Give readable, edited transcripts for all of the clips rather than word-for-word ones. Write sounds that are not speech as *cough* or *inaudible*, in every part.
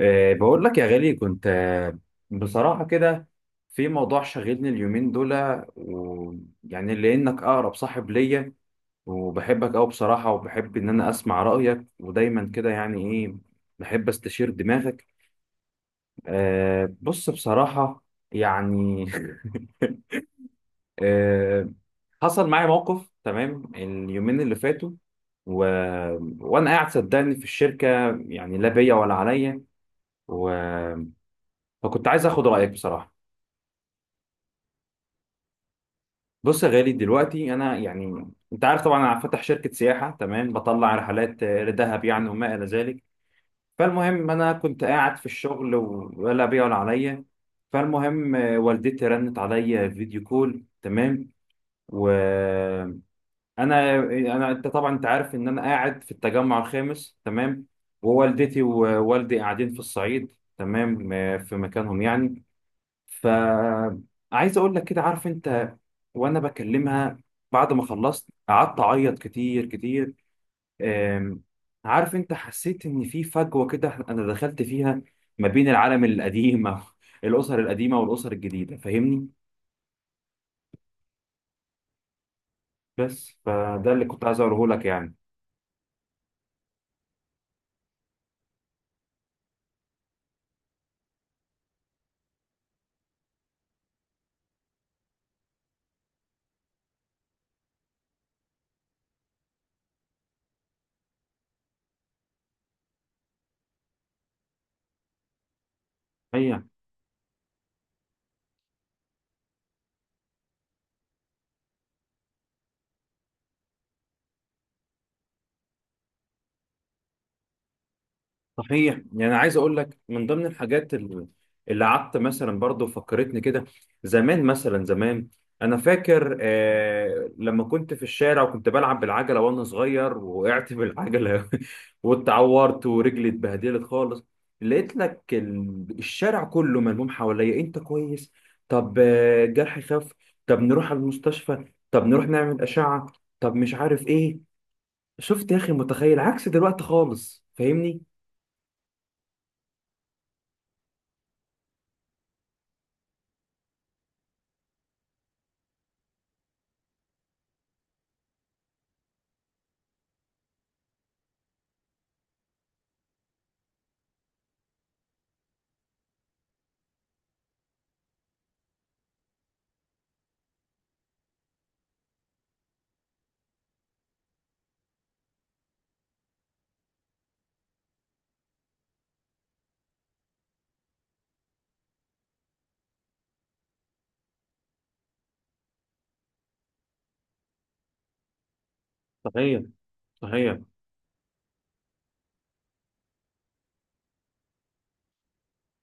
بقول لك يا غالي كنت بصراحة كده في موضوع شاغلني اليومين دول. ويعني لأنك أقرب صاحب ليا وبحبك أوي بصراحة، وبحب إن أنا أسمع رأيك ودايما كده، يعني إيه، بحب أستشير دماغك. بص بصراحة، يعني *laughs* أه، حصل معايا موقف، تمام، اليومين اللي فاتوا و... وأنا قاعد صدقني في الشركة، يعني لا بيا ولا عليا، و... فكنت عايز اخد رايك بصراحه. بص يا غالي، دلوقتي انا يعني انت عارف طبعا انا فاتح شركه سياحه، تمام، بطلع رحلات لدهب يعني وما الى ذلك. فالمهم انا كنت قاعد في الشغل ولا بيا ولا عليا. فالمهم والدتي رنت عليا فيديو كول، تمام، وانا انا انت طبعا انت عارف ان انا قاعد في التجمع الخامس، تمام، ووالدتي ووالدي قاعدين في الصعيد، تمام في مكانهم يعني. فعايز اقول لك كده، عارف انت، وانا بكلمها بعد ما خلصت قعدت اعيط كتير كتير. أم، عارف انت، حسيت ان في فجوة كده انا دخلت فيها ما بين العالم القديم *laughs* أو الاسر القديمة والاسر الجديدة، فاهمني؟ بس فده اللي كنت عايز اقوله لك يعني. اي صحيح، يعني انا عايز اقول لك من ضمن الحاجات اللي قعدت مثلا برضو فكرتني كده. زمان مثلا زمان، انا فاكر آه لما كنت في الشارع وكنت بلعب بالعجله وانا صغير، وقعت بالعجله *laughs* واتعورت ورجلي اتبهدلت خالص، لقيت لك الشارع كله ملموم حواليا، انت كويس؟ طب جرحي خف؟ طب نروح على المستشفى؟ طب نروح نعمل اشعه؟ طب مش عارف ايه. شفت يا اخي متخيل، عكس دلوقتي خالص، فاهمني؟ صحيح. صحيح.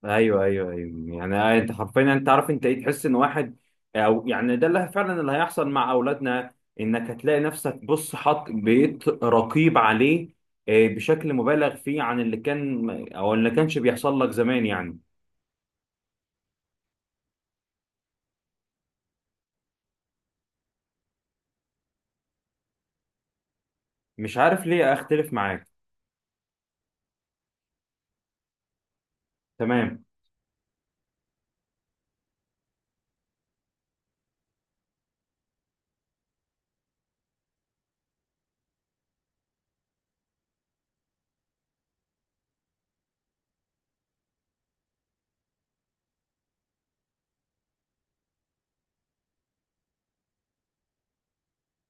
ايوه، ايوه، ايوه، يعني انت حرفيا، انت عارف انت ايه، تحس ان واحد او يعني ده اللي فعلا اللي هيحصل مع اولادنا، انك هتلاقي نفسك، بص، حط بقيت رقيب عليه بشكل مبالغ فيه عن اللي كان او اللي كانش بيحصل لك زمان يعني. مش عارف ليه اختلف معاك. تمام.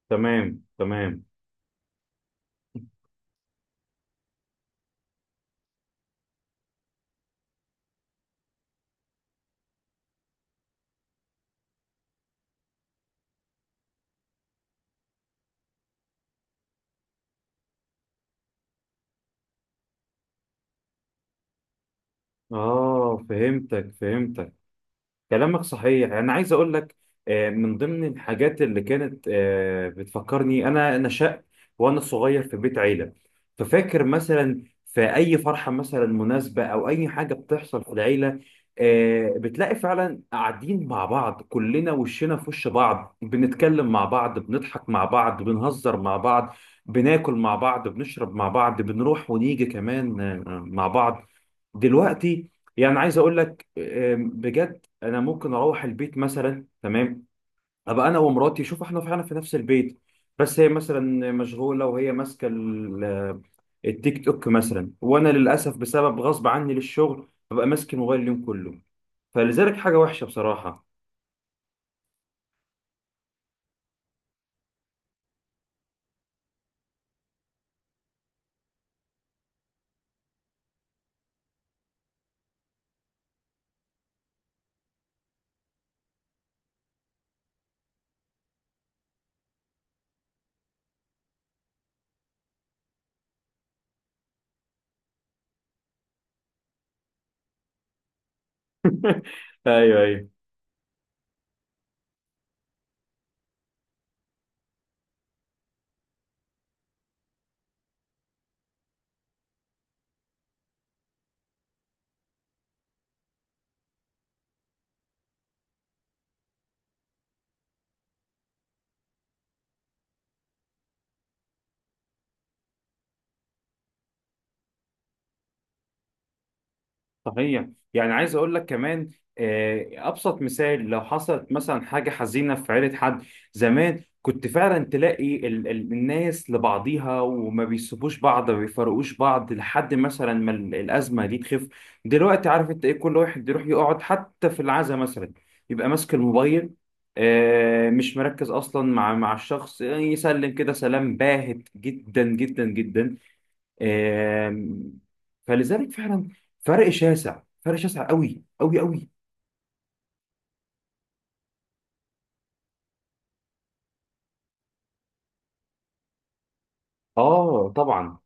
تمام. تمام. اه، فهمتك فهمتك. كلامك صحيح. انا عايز اقول لك من ضمن الحاجات اللي كانت بتفكرني، انا نشأت وانا صغير في بيت عيله، ففاكر مثلا في اي فرحه مثلا مناسبه او اي حاجه بتحصل في العيله بتلاقي فعلا قاعدين مع بعض كلنا، وشنا في وش بعض، بنتكلم مع بعض، بنضحك مع بعض، بنهزر مع بعض، بناكل مع بعض، بنشرب مع بعض، بنروح ونيجي كمان مع بعض. دلوقتي، يعني عايز اقول لك بجد، انا ممكن اروح البيت مثلا، تمام، ابقى انا ومراتي، شوف، احنا فعلا في نفس البيت، بس هي مثلا مشغوله وهي ماسكه التيك توك مثلا، وانا للاسف بسبب غصب عني للشغل ببقى ماسك الموبايل اليوم كله، فلذلك حاجه وحشه بصراحه. ايوه. ايوه صحيح. يعني عايز اقول لك كمان ابسط مثال، لو حصلت مثلا حاجه حزينه في عيله حد، زمان كنت فعلا تلاقي ال الناس لبعضيها، وما بيسيبوش بعض ما بيفرقوش بعض لحد مثلا ما الازمه دي تخف. دلوقتي عارف انت ايه، كل واحد يروح يقعد حتى في العزاء مثلا، يبقى ماسك الموبايل مش مركز اصلا مع مع الشخص، يسلم كده سلام باهت جدا جدا جدا. آم، فلذلك فعلا فرق شاسع، فرق شاسع قوي قوي قوي. اه طبعا.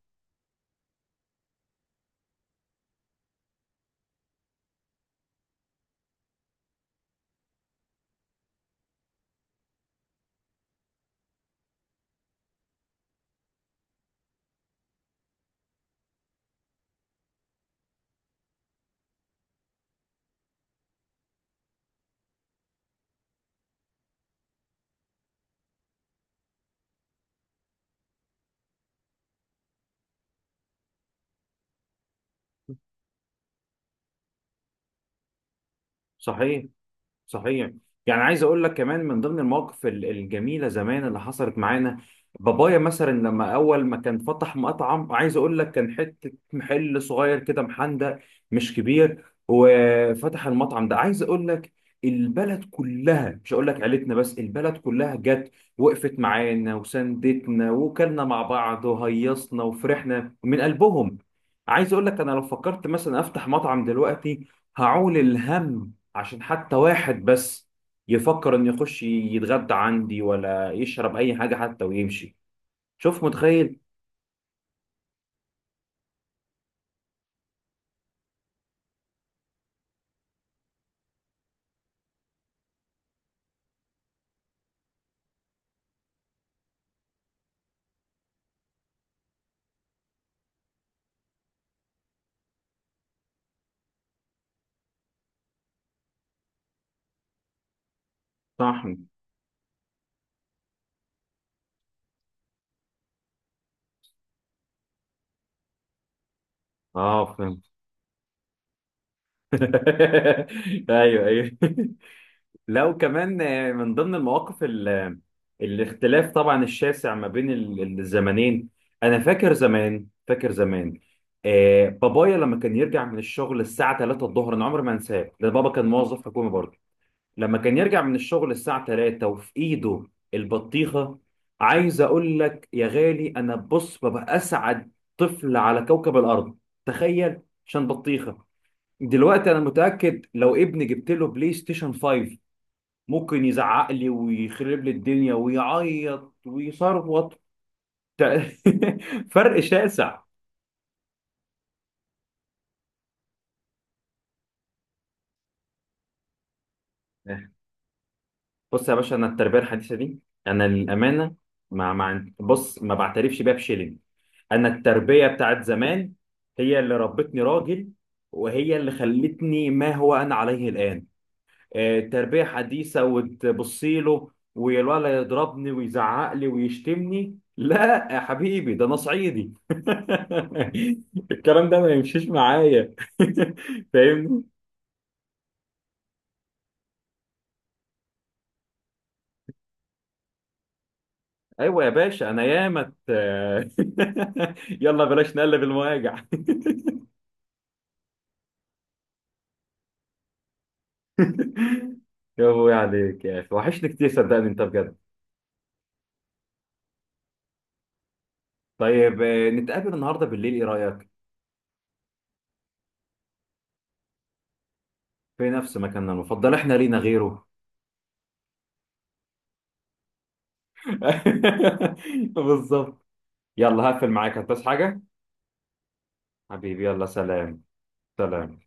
صحيح. صحيح. يعني عايز اقول لك كمان من ضمن المواقف الجميله زمان اللي حصلت معانا، بابايا مثلا لما اول ما كان فتح مطعم، عايز اقول لك كان حته محل صغير كده محندق، مش كبير، وفتح المطعم ده، عايز اقول لك البلد كلها، مش هقول لك عيلتنا بس، البلد كلها جت وقفت معانا وساندتنا وكلنا مع بعض وهيصنا وفرحنا من قلبهم. عايز اقول لك انا لو فكرت مثلا افتح مطعم دلوقتي هعول الهم عشان حتى واحد بس يفكر انه يخش يتغدى عندي ولا يشرب اي حاجه حتى ويمشي. شوف متخيل. صحن. اه فهمت. *laughs* ايوه ايوه. لا وكمان من ضمن المواقف الاختلاف طبعا الشاسع ما بين الزمنين، انا فاكر زمان، فاكر زمان، آه بابايا لما كان يرجع من الشغل الساعه 3 الظهر، انا عمري ما انساه ده، بابا كان موظف حكومي برضه، لما كان يرجع من الشغل الساعة 3 وفي ايده البطيخة، عايز اقول لك يا غالي، انا بص ببقى اسعد طفل على كوكب الارض، تخيل، عشان بطيخة. دلوقتي انا متأكد لو ابني جبت له بلاي ستيشن 5 ممكن يزعق لي ويخرب لي الدنيا ويعيط ويصرخ. *laughs* فرق شاسع. بص يا باشا، انا التربيه الحديثه دي، انا للامانه ما ما بص ما بعترفش بيها بشيلين. انا التربيه بتاعت زمان هي اللي ربتني راجل، وهي اللي خلتني ما هو انا عليه الان. تربيه حديثه وتبصي له والولد يضربني ويزعق لي ويشتمني، لا يا حبيبي، ده انا صعيدي *laughs* الكلام ده ما يمشيش معايا. *laughs* فاهمني؟ ايوه يا باشا، انا ياما *laughs* يلا بلاش نقلب المواجع. *laughs* يا ابوي عليك يا اخي، وحشني كتير صدقني انت بجد. طيب نتقابل النهارده بالليل، ايه رايك؟ في نفس مكاننا المفضل، احنا لينا غيره؟ *laughs* بالظبط. يلا هقفل معاك هتبس حاجه. حبيبي يلا، سلام. سلام.